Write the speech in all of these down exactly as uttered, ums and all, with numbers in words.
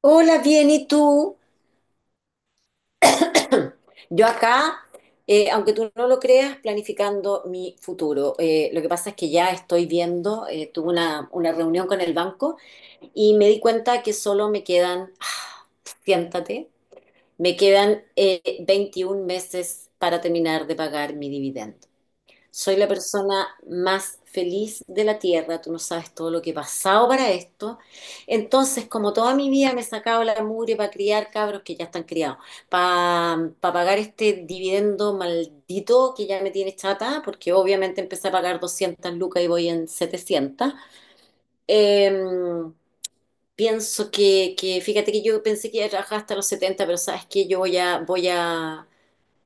Hola, bien, ¿y tú? Yo acá, eh, aunque tú no lo creas, planificando mi futuro. Eh, lo que pasa es que ya estoy viendo, eh, tuve una, una reunión con el banco y me di cuenta que solo me quedan, siéntate, me quedan eh, veintiún meses para terminar de pagar mi dividendo. Soy la persona más feliz de la tierra, tú no sabes todo lo que he pasado para esto. Entonces, como toda mi vida me he sacado la mugre para criar cabros que ya están criados, para pagar este dividendo maldito que ya me tiene chata, porque obviamente empecé a pagar doscientas lucas y voy en setecientas. Em, Pienso que, que, fíjate que yo pensé que iba a trabajar hasta los setenta, pero sabes que yo voy a, voy a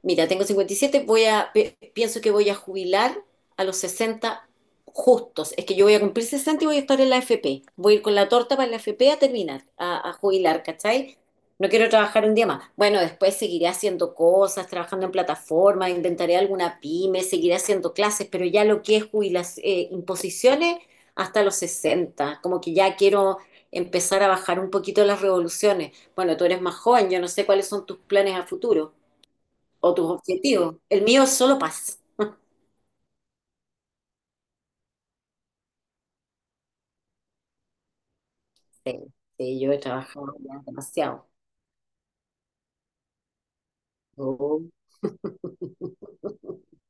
Mira, tengo cincuenta y siete, voy a, pi- pienso que voy a jubilar a los sesenta justos. Es que yo voy a cumplir sesenta y voy a estar en la A F P. Voy a ir con la torta para la A F P a terminar, a, a jubilar, ¿cachai? No quiero trabajar un día más. Bueno, después seguiré haciendo cosas, trabajando en plataformas, inventaré alguna pyme, seguiré haciendo clases, pero ya lo que es jubilación, imposiciones hasta los sesenta. Como que ya quiero empezar a bajar un poquito las revoluciones. Bueno, tú eres más joven, yo no sé cuáles son tus planes a futuro o tus objetivos. El mío es solo paz. Sí, sí, yo he trabajado ya demasiado. Oh.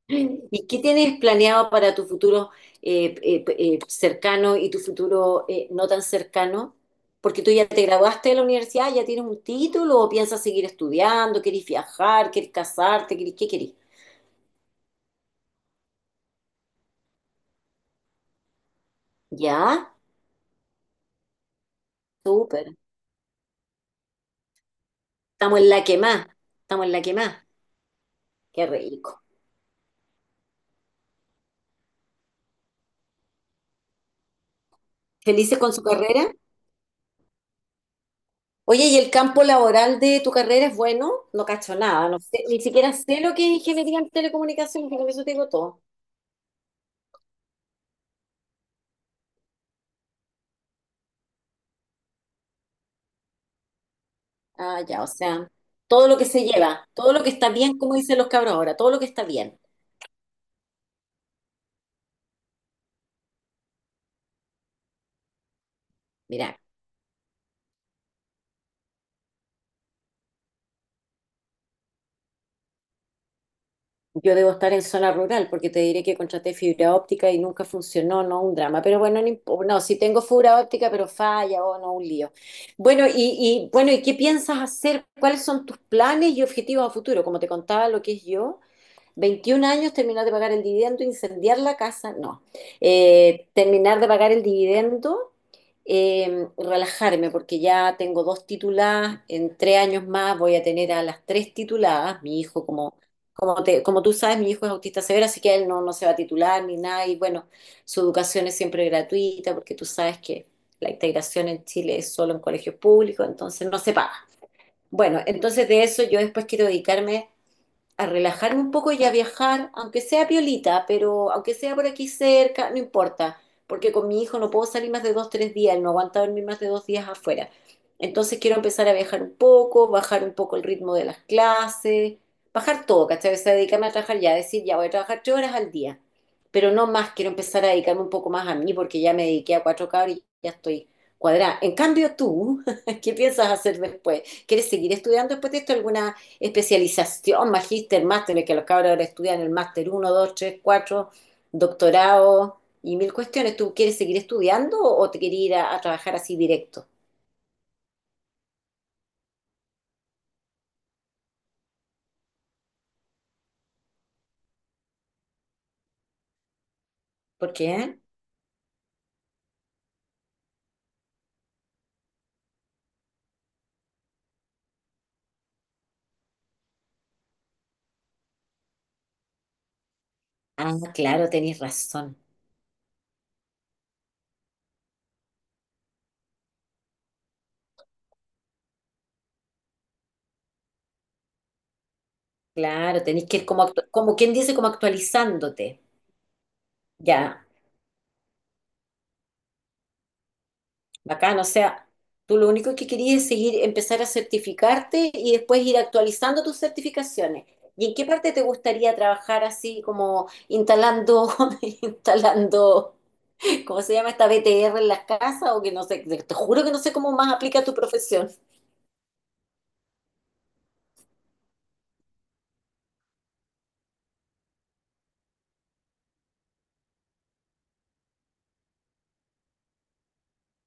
¿Y qué tienes planeado para tu futuro eh, eh, eh, cercano y tu futuro eh, no tan cercano? Porque tú ya te graduaste de la universidad, ya tienes un título o piensas seguir estudiando, querés viajar, querés casarte, querés, ¿qué querés? Ya, súper. Estamos en la que más, estamos en la que más. Qué rico. ¿Felices con su carrera? Oye, ¿y el campo laboral de tu carrera es bueno? No cacho nada, no sé, ni siquiera sé lo que es ingeniería en telecomunicaciones, pero con eso te digo todo. Ah, ya, o sea, todo lo que se lleva, todo lo que está bien, como dicen los cabros ahora, todo lo que está bien. Mira, yo debo estar en zona rural porque te diré que contraté fibra óptica y nunca funcionó, no, un drama. Pero bueno, no, impo- no, sí tengo fibra óptica, pero falla, o no, un lío. Bueno, y, y bueno, ¿y qué piensas hacer? ¿Cuáles son tus planes y objetivos a futuro? Como te contaba lo que es yo. Veintiún años, terminar de pagar el dividendo, incendiar la casa, no. Eh, terminar de pagar el dividendo, eh, relajarme, porque ya tengo dos tituladas, en tres años más voy a tener a las tres tituladas. Mi hijo, como, como, te- como tú sabes, mi hijo es autista severo, así que él no, no se va a titular ni nada. Y bueno, su educación es siempre gratuita, porque tú sabes que la integración en Chile es solo en colegios públicos, entonces no se paga. Bueno, entonces de eso yo después quiero dedicarme a relajarme un poco y a viajar, aunque sea piolita, pero aunque sea por aquí cerca, no importa, porque con mi hijo no puedo salir más de dos, tres días, él no aguanta dormir más de dos días afuera. Entonces quiero empezar a viajar un poco, bajar un poco el ritmo de las clases, bajar todo, ¿cachai? O sea, dedicarme a trabajar ya, decir, ya voy a trabajar tres horas al día, pero no más, quiero empezar a dedicarme un poco más a mí porque ya me dediqué a cuatro cabros y ya estoy cuadrada. En cambio, tú, ¿qué piensas hacer después? ¿Quieres seguir estudiando después de esto? ¿Alguna especialización, magíster, máster? Que los cabros ahora estudian el máster uno dos tres cuatro doctorado y mil cuestiones. ¿Tú quieres seguir estudiando o te quieres ir a, a trabajar así directo? ¿Por qué? Ah, claro, tenés razón. Claro, tenés que ir como, actu- como quien dice, como actualizándote. Ya, bacán, o sea, tú lo único que querías es seguir, empezar a certificarte y después ir actualizando tus certificaciones. ¿Y en qué parte te gustaría trabajar así como instalando, instalando. ¿Cómo se llama esta B T R en las casas? O que no sé, te juro que no sé cómo más aplica tu profesión.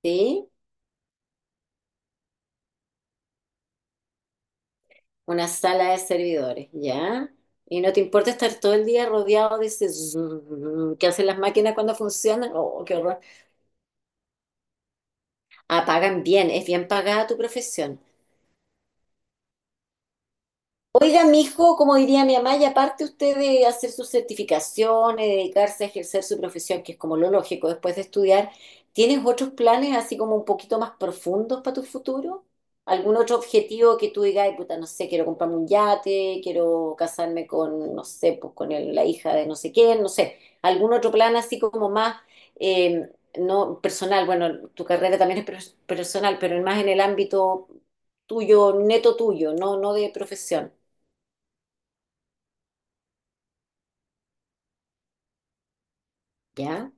¿Sí? Una sala de servidores, ¿ya? Y no te importa estar todo el día rodeado de ese zzzz que hacen las máquinas cuando funcionan. Oh, qué horror. Ah, pagan bien, es bien pagada tu profesión. Oiga, mijo, como diría mi mamá, y aparte usted de hacer sus certificaciones, dedicarse a ejercer su profesión, que es como lo lógico después de estudiar, ¿tienes otros planes así como un poquito más profundos para tu futuro? ¿Algún otro objetivo que tú digas, "Ay, puta, no sé, quiero comprarme un yate, quiero casarme con, no sé, pues con el- la hija de no sé quién"? No sé, algún otro plan así como más, eh, no personal, bueno, tu carrera también es pers- personal, pero más en el ámbito tuyo, neto tuyo, no, no de profesión. ¿Ya?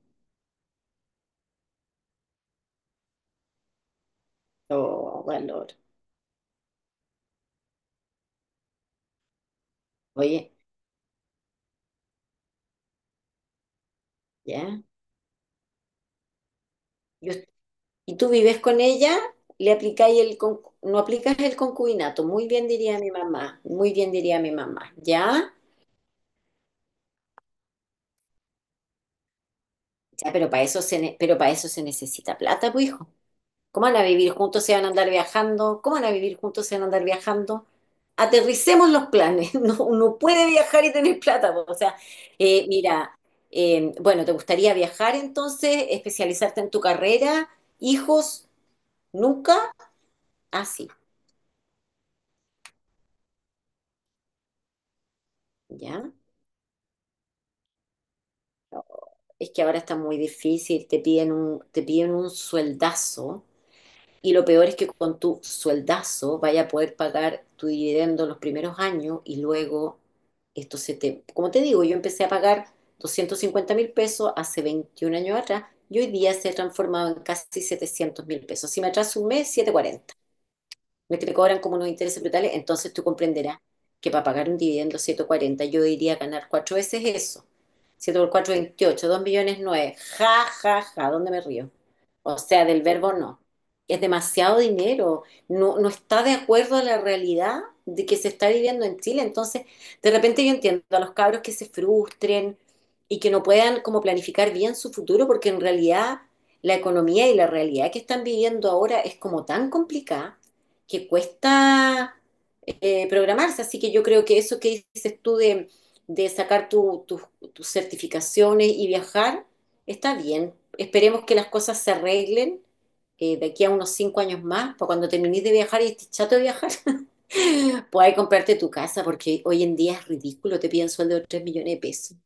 Oh, valor. Oye, ¿ya? Yo- y tú vives con ella, le aplicáis el con- no aplicas el concubinato. Muy bien diría mi mamá, muy bien diría mi mamá. ¿Ya? Ya, pero para eso se ne- pero para eso se necesita plata, pues hijo. ¿Cómo van a vivir juntos? ¿Se van a andar viajando? ¿Cómo van a vivir juntos? ¿Se van a andar viajando? Aterricemos los planes. No, uno puede viajar y tener plata, po. O sea, eh, mira, eh, bueno, ¿te gustaría viajar entonces? ¿Especializarte en tu carrera? ¿Hijos? Nunca así, ¿ya? Es que ahora está muy difícil, te piden un, te piden un sueldazo y lo peor es que con tu sueldazo vaya a poder pagar tu dividendo los primeros años y luego esto se te... Como te digo, yo empecé a pagar doscientos cincuenta mil pesos hace veintiún años atrás y hoy día se ha transformado en casi setecientos mil pesos. Si me atraso un mes, setecientos cuarenta. Me te cobran como unos intereses brutales, entonces tú comprenderás que para pagar un dividendo ciento cuarenta yo iría a ganar cuatro veces eso. siete por cuatro, veintiocho, dos millones nueve. Ja, ja, ja, ¿dónde me río? O sea, del verbo no. Es demasiado dinero. No, no está de acuerdo a la realidad de que se está viviendo en Chile. Entonces, de repente yo entiendo a los cabros que se frustren y que no puedan como planificar bien su futuro, porque en realidad la economía y la realidad que están viviendo ahora es como tan complicada que cuesta eh, programarse. Así que yo creo que eso que dices tú de, de sacar tu- tus tus certificaciones y viajar está bien. Esperemos que las cosas se arreglen eh, de aquí a unos cinco años más, para cuando termines de viajar y estés chato de viajar, puedas comprarte tu casa, porque hoy en día es ridículo, te piden sueldo de tres millones de pesos.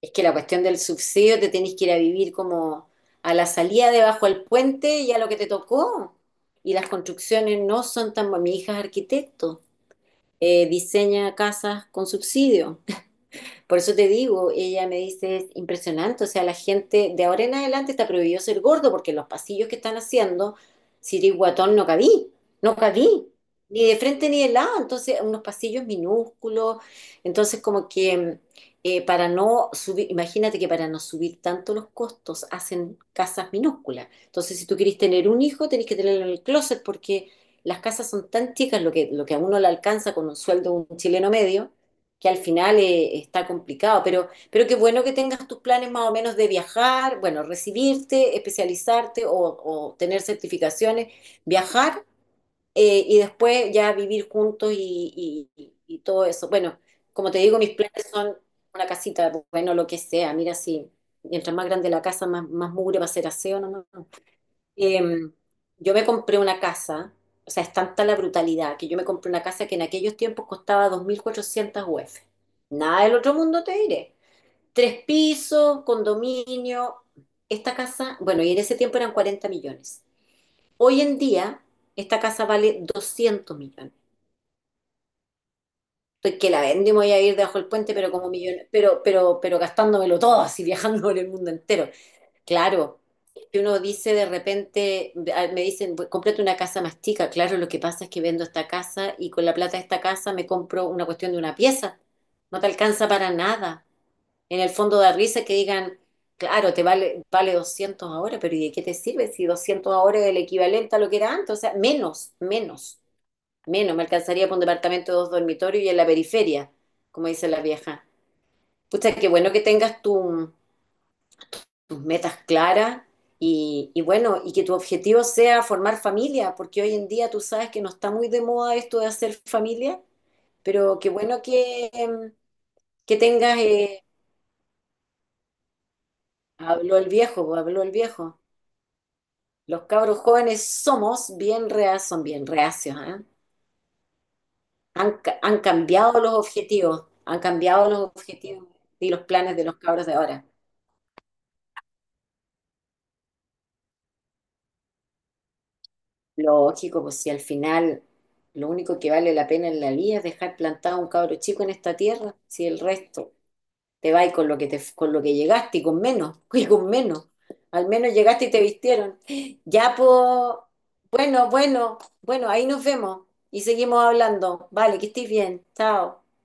Es que la cuestión del subsidio te tenés que ir a vivir como a la salida debajo del puente y a lo que te tocó. Y las construcciones no son tan... Mi hija es arquitecto, eh, diseña casas con subsidio. Por eso te digo, ella me dice, es impresionante, o sea, la gente de ahora en adelante está prohibido ser gordo porque los pasillos que están haciendo, si eres guatón no cabí, no cabí, ni de frente ni de lado, entonces unos pasillos minúsculos, entonces como que eh, para no subir, imagínate que para no subir tanto los costos hacen casas minúsculas, entonces si tú querés tener un hijo tenés que tenerlo en el closet porque las casas son tan chicas, lo que, lo que a uno le alcanza con un sueldo de un chileno medio, que al final eh, está complicado, pero, pero qué bueno que tengas tus planes más o menos de viajar, bueno, recibirte, especializarte o, o tener certificaciones, viajar eh, y después ya vivir juntos y, y- y todo eso. Bueno, como te digo, mis planes son una casita, bueno, lo que sea, mira si mientras más grande la casa, más, más mugre va a ser aseo, ¿no? Em, yo me compré una casa, o sea, es tanta la brutalidad que yo me compré una casa que en aquellos tiempos costaba dos mil cuatrocientas U F. Nada del otro mundo te diré. Tres pisos, condominio. Esta casa, bueno, y en ese tiempo eran cuarenta millones. Hoy en día, esta casa vale doscientos millones. Estoy que la vende, me voy a ir debajo del puente, pero como millón, pero, pero, pero gastándomelo todo, así viajando por el mundo entero. Claro, que uno dice de repente, a- me dicen, "Bu- cómprate una casa más chica". Claro, lo que pasa es que vendo esta casa y con la plata de esta casa me compro una cuestión de una pieza. No te alcanza para nada. En el fondo da risa que digan, claro, te vale, vale doscientos ahora, pero ¿y de qué te sirve si doscientos ahora es el equivalente a lo que era antes? O sea, menos, menos. Menos, me alcanzaría para un departamento de dos dormitorios y en la periferia, como dice la vieja. Pucha, qué bueno que tengas tu- tus metas claras y, y bueno, y que tu objetivo sea formar familia, porque hoy en día tú sabes que no está muy de moda esto de hacer familia, pero qué bueno que, em, que tengas, eh, habló el viejo, pues, habló el viejo. Los cabros jóvenes somos bien rea- son bien reacios, ¿ah? Han, ca- han cambiado los objetivos, han cambiado los objetivos y los planes de los cabros de ahora. Lógico, pues si al final lo único que vale la pena en la vida es dejar plantado a un cabro chico en esta tierra, si el resto te va y con lo que te, con lo que llegaste y con menos, y con menos. Al menos llegaste y te vistieron. Ya, pues, bueno, bueno, bueno, ahí nos vemos y seguimos hablando. Vale, que estés bien. Chao.